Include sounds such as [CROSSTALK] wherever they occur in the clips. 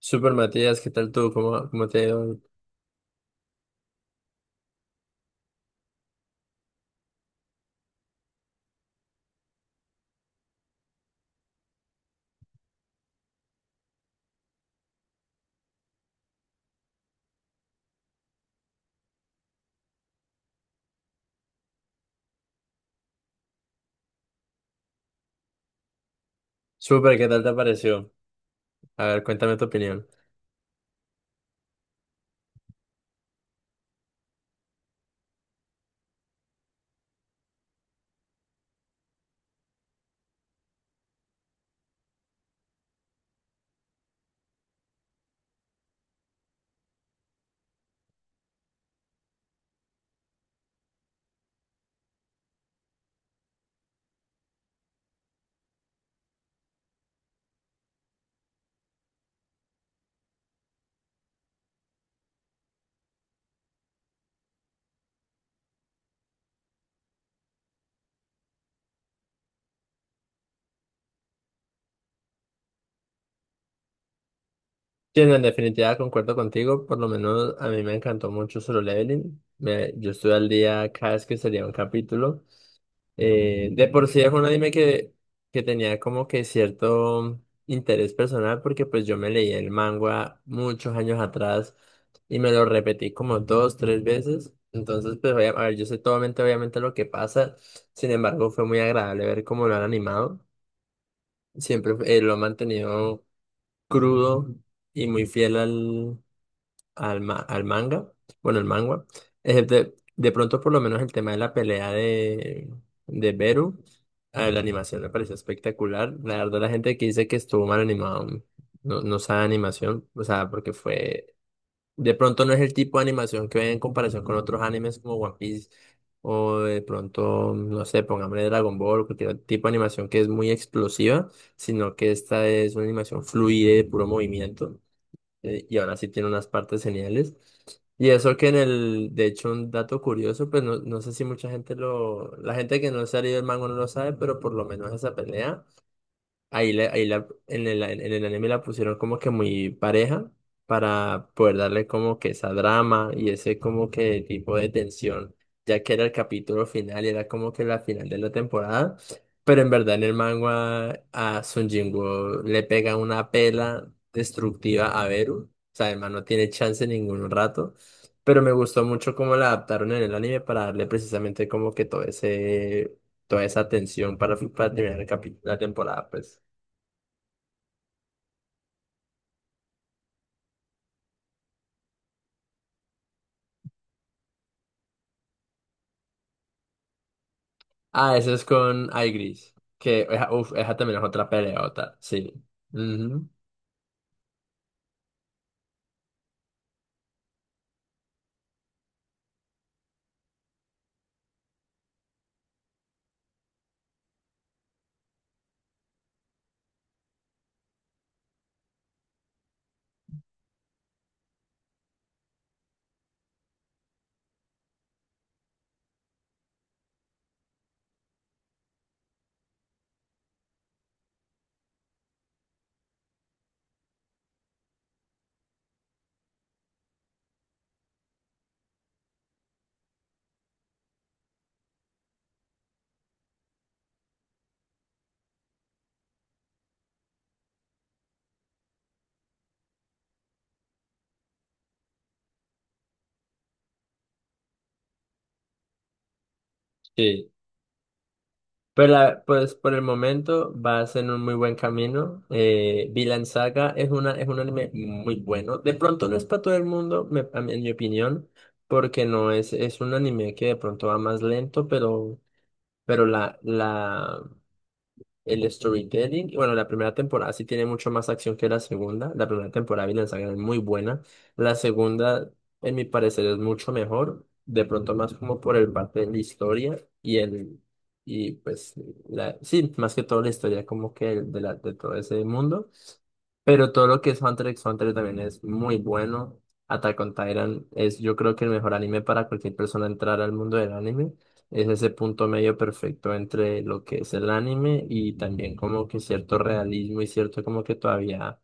Super Matías, ¿qué tal tú? ¿Cómo te ha ido hoy? Super, ¿qué tal te pareció? A ver, cuéntame tu opinión. Sí, no, en definitiva concuerdo contigo, por lo menos a mí me encantó mucho Solo Leveling. Yo estoy al día cada vez que salía un capítulo. De por sí es un anime que tenía como que cierto interés personal porque pues yo me leí el manga muchos años atrás y me lo repetí como dos, tres veces. Entonces, pues, a ver, yo sé totalmente obviamente lo que pasa. Sin embargo, fue muy agradable ver cómo lo han animado. Siempre lo han mantenido crudo y muy fiel al manga, bueno, el manga. De pronto, por lo menos, el tema de la pelea de Beru, la animación me pareció espectacular. La verdad, la gente que dice que estuvo mal animado no sabe animación, o sea, porque fue. De pronto, no es el tipo de animación que ven en comparación con otros animes como One Piece, o de pronto, no sé, pongámosle Dragon Ball, cualquier tipo de animación que es muy explosiva, sino que esta es una animación fluida y de puro movimiento y ahora sí tiene unas partes geniales. Y eso que de hecho, un dato curioso, pues no sé si mucha gente lo, la gente que no se ha leído el manga no lo sabe, pero por lo menos esa pelea. Ahí la- en el anime la pusieron como que muy pareja para poder darle como que esa drama y ese como que tipo de tensión, ya que era el capítulo final y era como que la final de la temporada. Pero en verdad en el manga a Sun Jinwoo le pega una pela destructiva a Beru. O sea, además no tiene chance ningún rato. Pero me gustó mucho cómo la adaptaron en el anime para darle precisamente como que toda esa tensión para terminar el capítulo, la temporada, pues. Ah, eso es con Aigris. Uf, esa también es otra peleota, sí. Ujú, sí. Pues por el momento vas en un muy buen camino. Vinland Saga es un anime muy bueno. De pronto no es para todo el mundo, en mi opinión, porque no es, es un anime que de pronto va más lento, pero el storytelling. Y bueno, la primera temporada sí tiene mucho más acción que la segunda. La primera temporada de Vinland Saga es muy buena. La segunda, en mi parecer, es mucho mejor. De pronto más como por el parte de la historia y el... Y pues, sí, más que todo la historia como que de todo ese mundo. Pero todo lo que es Hunter x Hunter también es muy bueno. Attack on Titan es yo creo que el mejor anime para cualquier persona entrar al mundo del anime. Es ese punto medio perfecto entre lo que es el anime y también como que cierto realismo y cierto como que todavía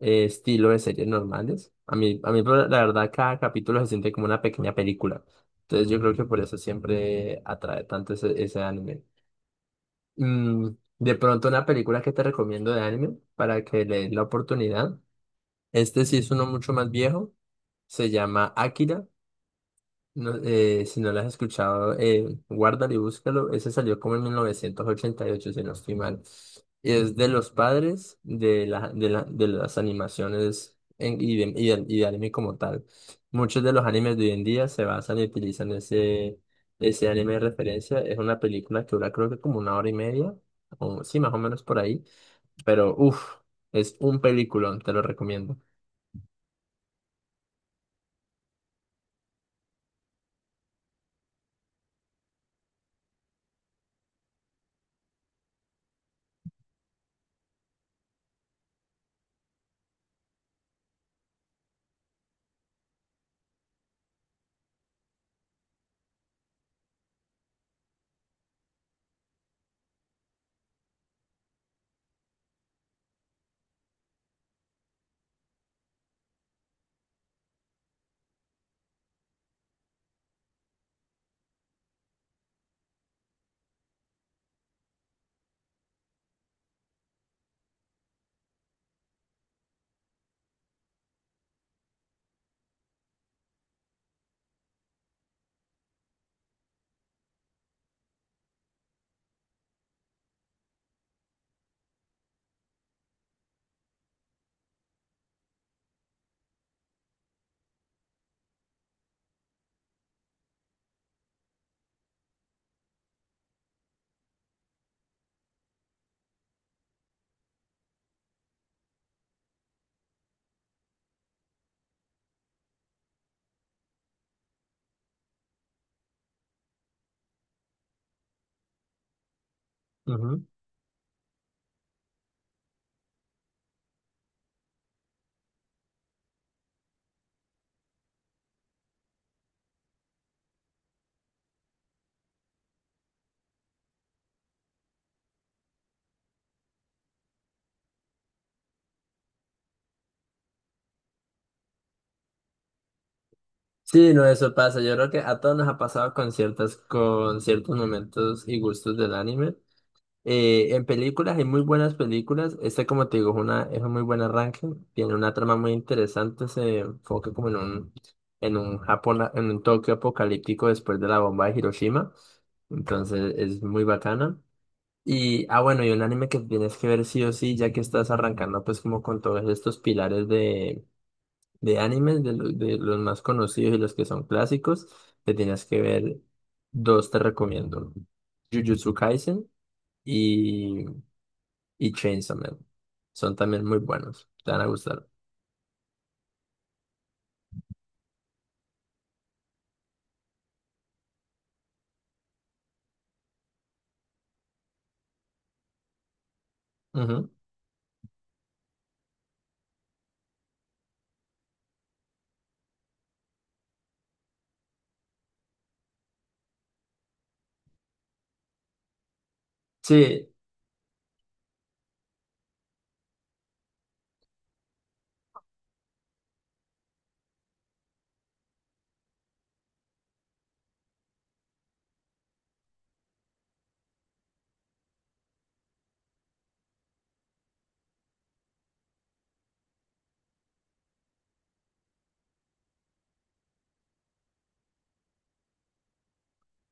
estilo de series normales. A mí pero la verdad cada capítulo se siente como una pequeña película. Entonces yo creo que por eso siempre atrae tanto ese anime. Mm, de pronto una película que te recomiendo de anime para que le des la oportunidad. Este sí es uno mucho más viejo. Se llama Akira. No, si no lo has escuchado, guárdalo y búscalo. Ese salió como en 1988 si no estoy mal. Y es de los padres de las animaciones de anime como tal. Muchos de los animes de hoy en día se basan y utilizan ese anime de referencia. Es una película que dura creo que como una hora y media, o sí, más o menos por ahí. Pero uff, es un peliculón, te lo recomiendo. Sí, no, eso pasa. Yo creo que a todos nos ha pasado con ciertos momentos y gustos del anime. En películas hay muy buenas películas. Este como te digo, es un muy buen arranque. Tiene una trama muy interesante. Se enfoca como en un Japón, en un Tokio apocalíptico después de la bomba de Hiroshima. Entonces es muy bacana. Ah, bueno, y un anime que tienes que ver sí o sí, ya que estás arrancando pues como con todos estos pilares de animes, de los más conocidos y los que son clásicos, te tienes que ver dos, te recomiendo. Jujutsu Kaisen y, y Chainsaw Man. Son también muy buenos, te van a gustar. Ujú. Sí,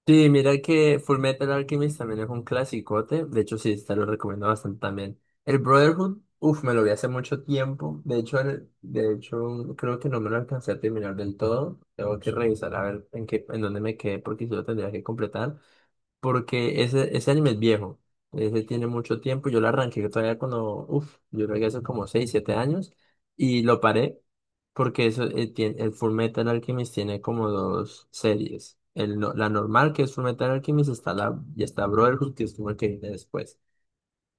sí, mira que Fullmetal Alchemist también es un clasicote, de hecho sí, te lo recomiendo bastante también. El Brotherhood, uff, me lo vi hace mucho tiempo, de hecho, de hecho creo que no me lo alcancé a terminar del todo, tengo que revisar a ver en dónde me quedé porque yo lo tendría que completar, porque ese anime es viejo. Ese tiene mucho tiempo. Yo lo arranqué todavía cuando, uff, yo creo que hace como 6 7 años. Y lo paré porque el Full Metal Alchemist tiene como dos series. El, no- La normal, que es Full Metal Alchemist, y está Brotherhood, que es como el que viene después.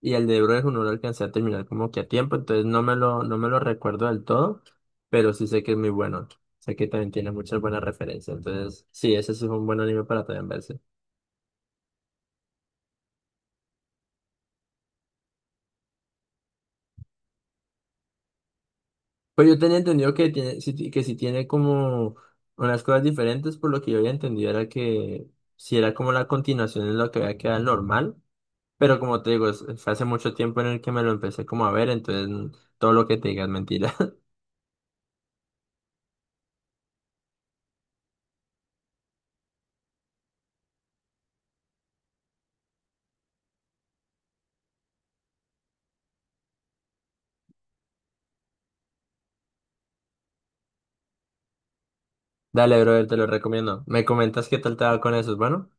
Y el de Brotherhood no lo alcancé a terminar como que a tiempo, entonces no me lo recuerdo del todo, pero sí sé que es muy bueno. Sé que también tiene muchas buenas referencias. Entonces, sí, ese sí es un buen anime para también verse. Pues yo tenía entendido que tiene, si ti- que si tiene como unas cosas diferentes, por lo que yo había entendido era que si era como la continuación de lo que había quedado normal, pero como te digo, fue hace mucho tiempo en el que me lo empecé como a ver, entonces todo lo que te diga es mentira. [LAUGHS] Dale, brother, te lo recomiendo. Me comentas qué tal te va con eso, bueno,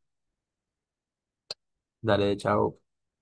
dale, chao.